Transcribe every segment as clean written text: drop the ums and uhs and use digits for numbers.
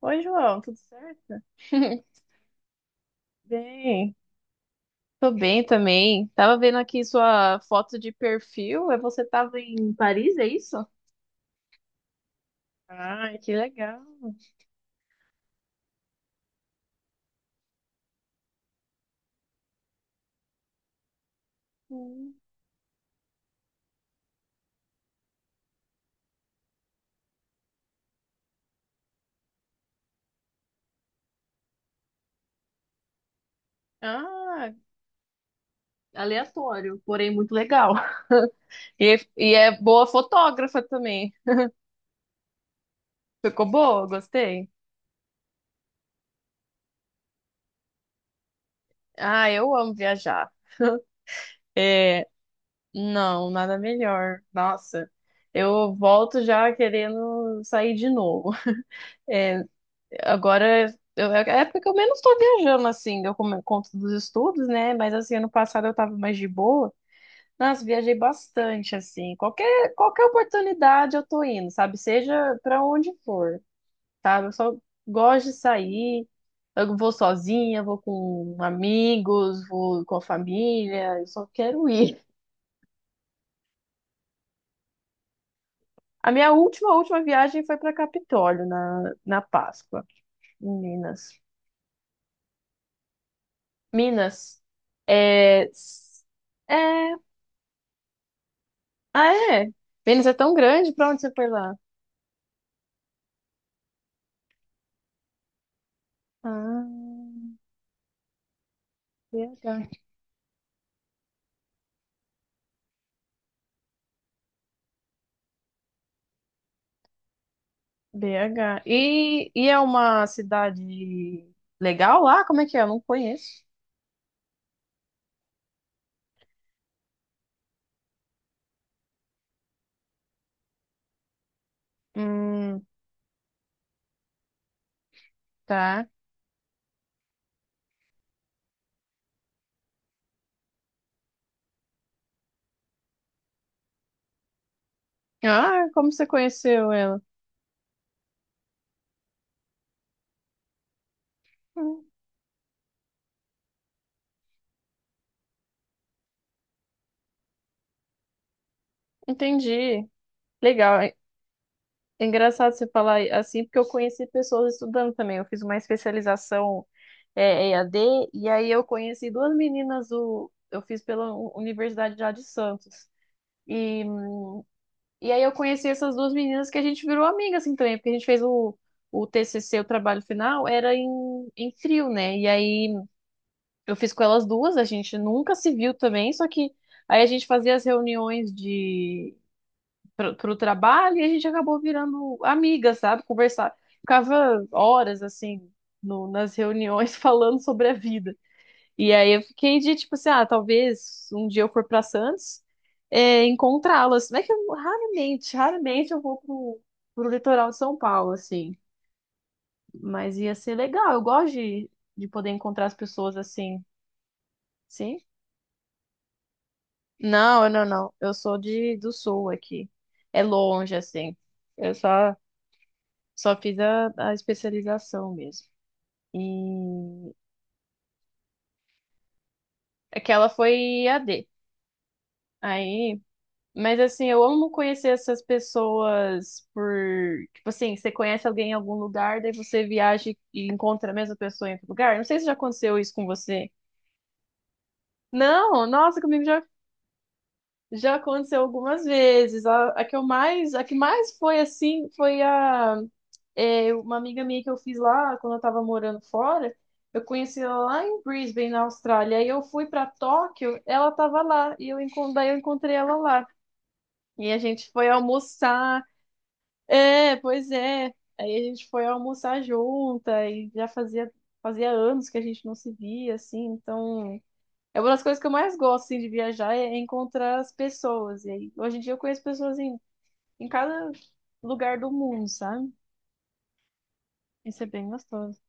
Oi, João, tudo certo? Bem, tô bem também. Tava vendo aqui sua foto de perfil. É. Você tava em Paris, é isso? Ai, que legal. Hum. Ah, aleatório, porém muito legal. E é boa fotógrafa também. Ficou boa, gostei. Ah, eu amo viajar. É, não, nada melhor. Nossa, eu volto já querendo sair de novo. Agora é a época que eu menos tô viajando, assim, conto dos estudos, né? Mas assim, ano passado eu tava mais de boa. Nossa, viajei bastante, assim. Qualquer oportunidade eu tô indo, sabe? Seja pra onde for, sabe? Eu só gosto de sair. Eu vou sozinha, vou com amigos, vou com a família. Eu só quero ir. A minha última viagem foi pra Capitólio, na Páscoa, em Minas. Minas. É, é. Ah, é? Vênus é tão grande, pra onde você foi lá? Ah, BH. BH. E é uma cidade legal lá? Como é que é? Eu não conheço. Hum, tá. Ah, como você conheceu ela? Hum, entendi. Legal. É engraçado você falar assim, porque eu conheci pessoas estudando também. Eu fiz uma especialização, EAD, e aí eu conheci duas meninas do. Eu fiz pela Universidade já de Santos. E e aí eu conheci essas duas meninas que a gente virou amiga assim também, porque a gente fez o TCC, o trabalho final, era em trio, né? E aí eu fiz com elas duas, a gente nunca se viu também, só que aí a gente fazia as reuniões de pro trabalho e a gente acabou virando amiga, sabe? Conversar, ficava horas assim no, nas reuniões falando sobre a vida. E aí eu fiquei de tipo assim, ah, talvez um dia eu for pra Santos, é, encontrá-las. Mas é que eu, raramente eu vou pro litoral de São Paulo, assim. Mas ia ser legal, eu gosto de poder encontrar as pessoas assim. Sim? Não. Eu sou de, do sul aqui. É longe, assim. Eu só, só fiz a especialização mesmo. E aquela foi I a D. Aí. Mas assim, eu amo conhecer essas pessoas por, tipo assim, você conhece alguém em algum lugar, daí você viaja e encontra a mesma pessoa em outro lugar. Não sei se já aconteceu isso com você. Não, nossa, já aconteceu algumas vezes. A que mais foi assim, foi a uma amiga minha que eu fiz lá quando eu tava morando fora. Eu conheci ela lá em Brisbane, na Austrália. Aí eu fui pra Tóquio, ela tava lá e daí eu encontrei ela lá. E a gente foi almoçar. É, pois é. Aí a gente foi almoçar junta e já fazia anos que a gente não se via, assim, então. É uma das coisas que eu mais gosto, assim, de viajar, é encontrar as pessoas. E aí, hoje em dia eu conheço pessoas em cada lugar do mundo, sabe? Isso é bem gostoso.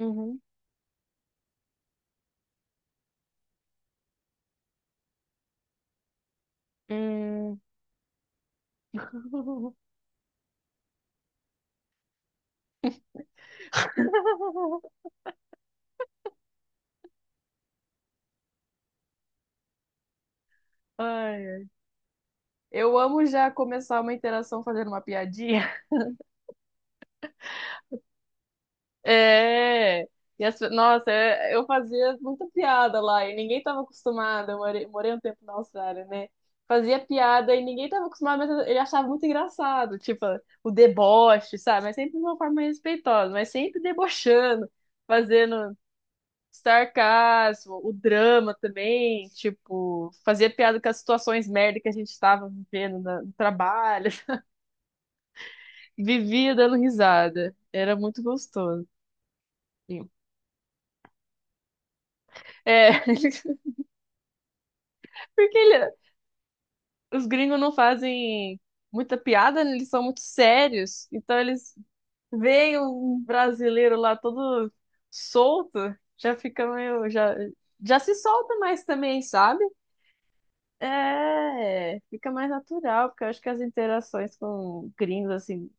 Uhum. Hum. Ai, ai, eu amo já começar uma interação fazendo uma piadinha. É. E nossa, eu fazia muita piada lá e ninguém estava acostumado. Eu morei um tempo na Austrália, né? Fazia piada e ninguém estava acostumado, mas ele achava muito engraçado, tipo, o deboche, sabe? Mas sempre de uma forma respeitosa, mas sempre debochando, fazendo sarcasmo, o drama também, tipo, fazia piada com as situações merda que a gente estava vivendo no trabalho, vivia dando risada. Era muito gostoso. Assim. É. Porque os gringos não fazem muita piada, né? Eles são muito sérios. Então eles veem um brasileiro lá todo solto, já fica meio, já, já se solta mais também, sabe? É, fica mais natural, porque eu acho que as interações com gringos, assim,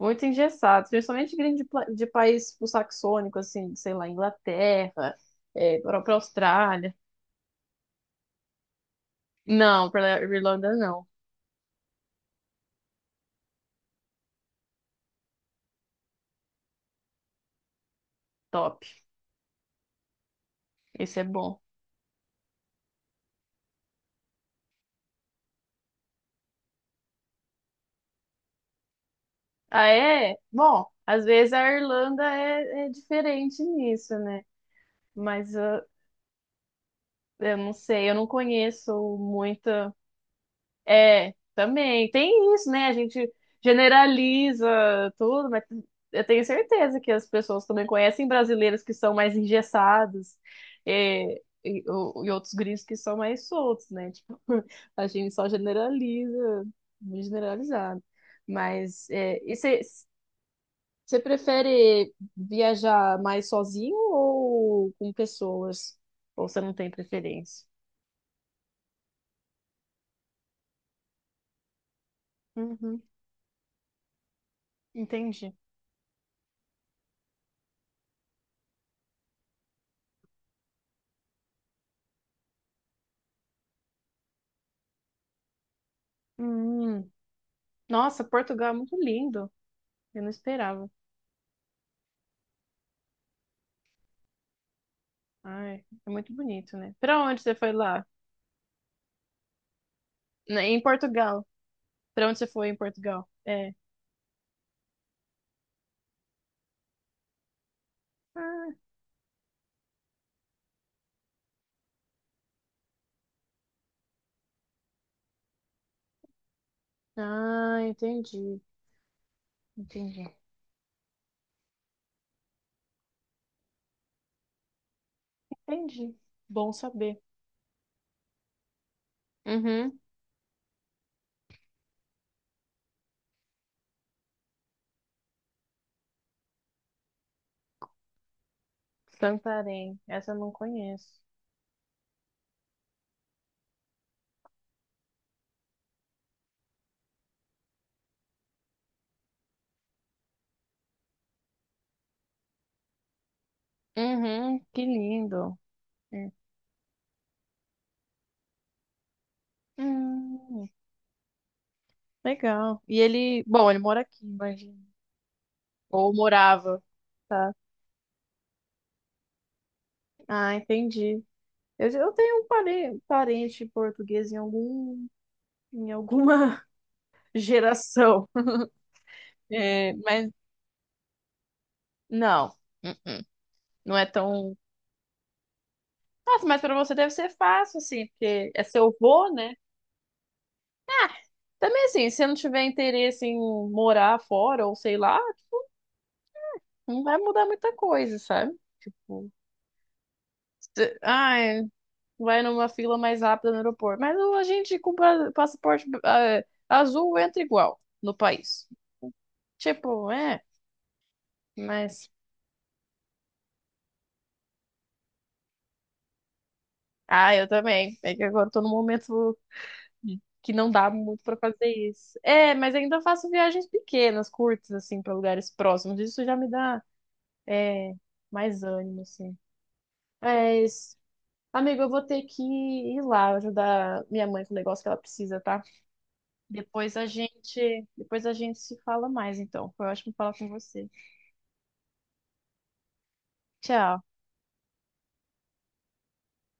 muito engessados, principalmente gringos de, de país tipo, saxônico, assim, sei lá, Inglaterra, é, para Austrália. Não, para Irlanda não. Top. Esse é bom. Ah, é? Bom, às vezes a Irlanda é diferente nisso, né? Mas ah, eu não sei, eu não conheço muito. É, também. Tem isso, né? A gente generaliza tudo, mas eu tenho certeza que as pessoas também conhecem brasileiros que são mais engessados, é, e outros gringos que são mais soltos, né? Tipo, a gente só generaliza, muito generalizado. Mas é, e você. Você prefere viajar mais sozinho ou com pessoas? Ou você não tem preferência? Uhum, entendi. Hum, nossa, Portugal é muito lindo. Eu não esperava. Ai, é muito bonito, né? Pra onde você foi lá? Em Portugal. Pra onde você foi em Portugal? É. Ah, ah, entendi. Entendi. Entendi. Bom saber. Uhum. Santarém. Essa eu não conheço. Uhum, que lindo. É. Hum. Legal. E ele, bom, ele mora aqui, imagina. Ou morava, tá? Ah, entendi. Eu tenho um parente português em algum, em alguma geração. É, mas não. Uh-uh. Não é tão. Nossa, mas pra você deve ser fácil, assim, porque é seu vô, né? Ah. Também assim, se não tiver interesse em morar fora ou sei lá, não vai mudar muita coisa, sabe? Tipo, ai, vai numa fila mais rápida no aeroporto. A gente com passaporte azul entra igual no país. Tipo, é, mas. Ah, eu também. É que agora eu tô num momento que não dá muito pra fazer isso. É, mas ainda faço viagens pequenas, curtas, assim, pra lugares próximos. Isso já me dá, é, mais ânimo, assim. Mas, amigo, eu vou ter que ir lá ajudar minha mãe com o negócio que ela precisa, tá? Depois a gente, depois a gente se fala mais, então. Foi ótimo falar com você. Tchau.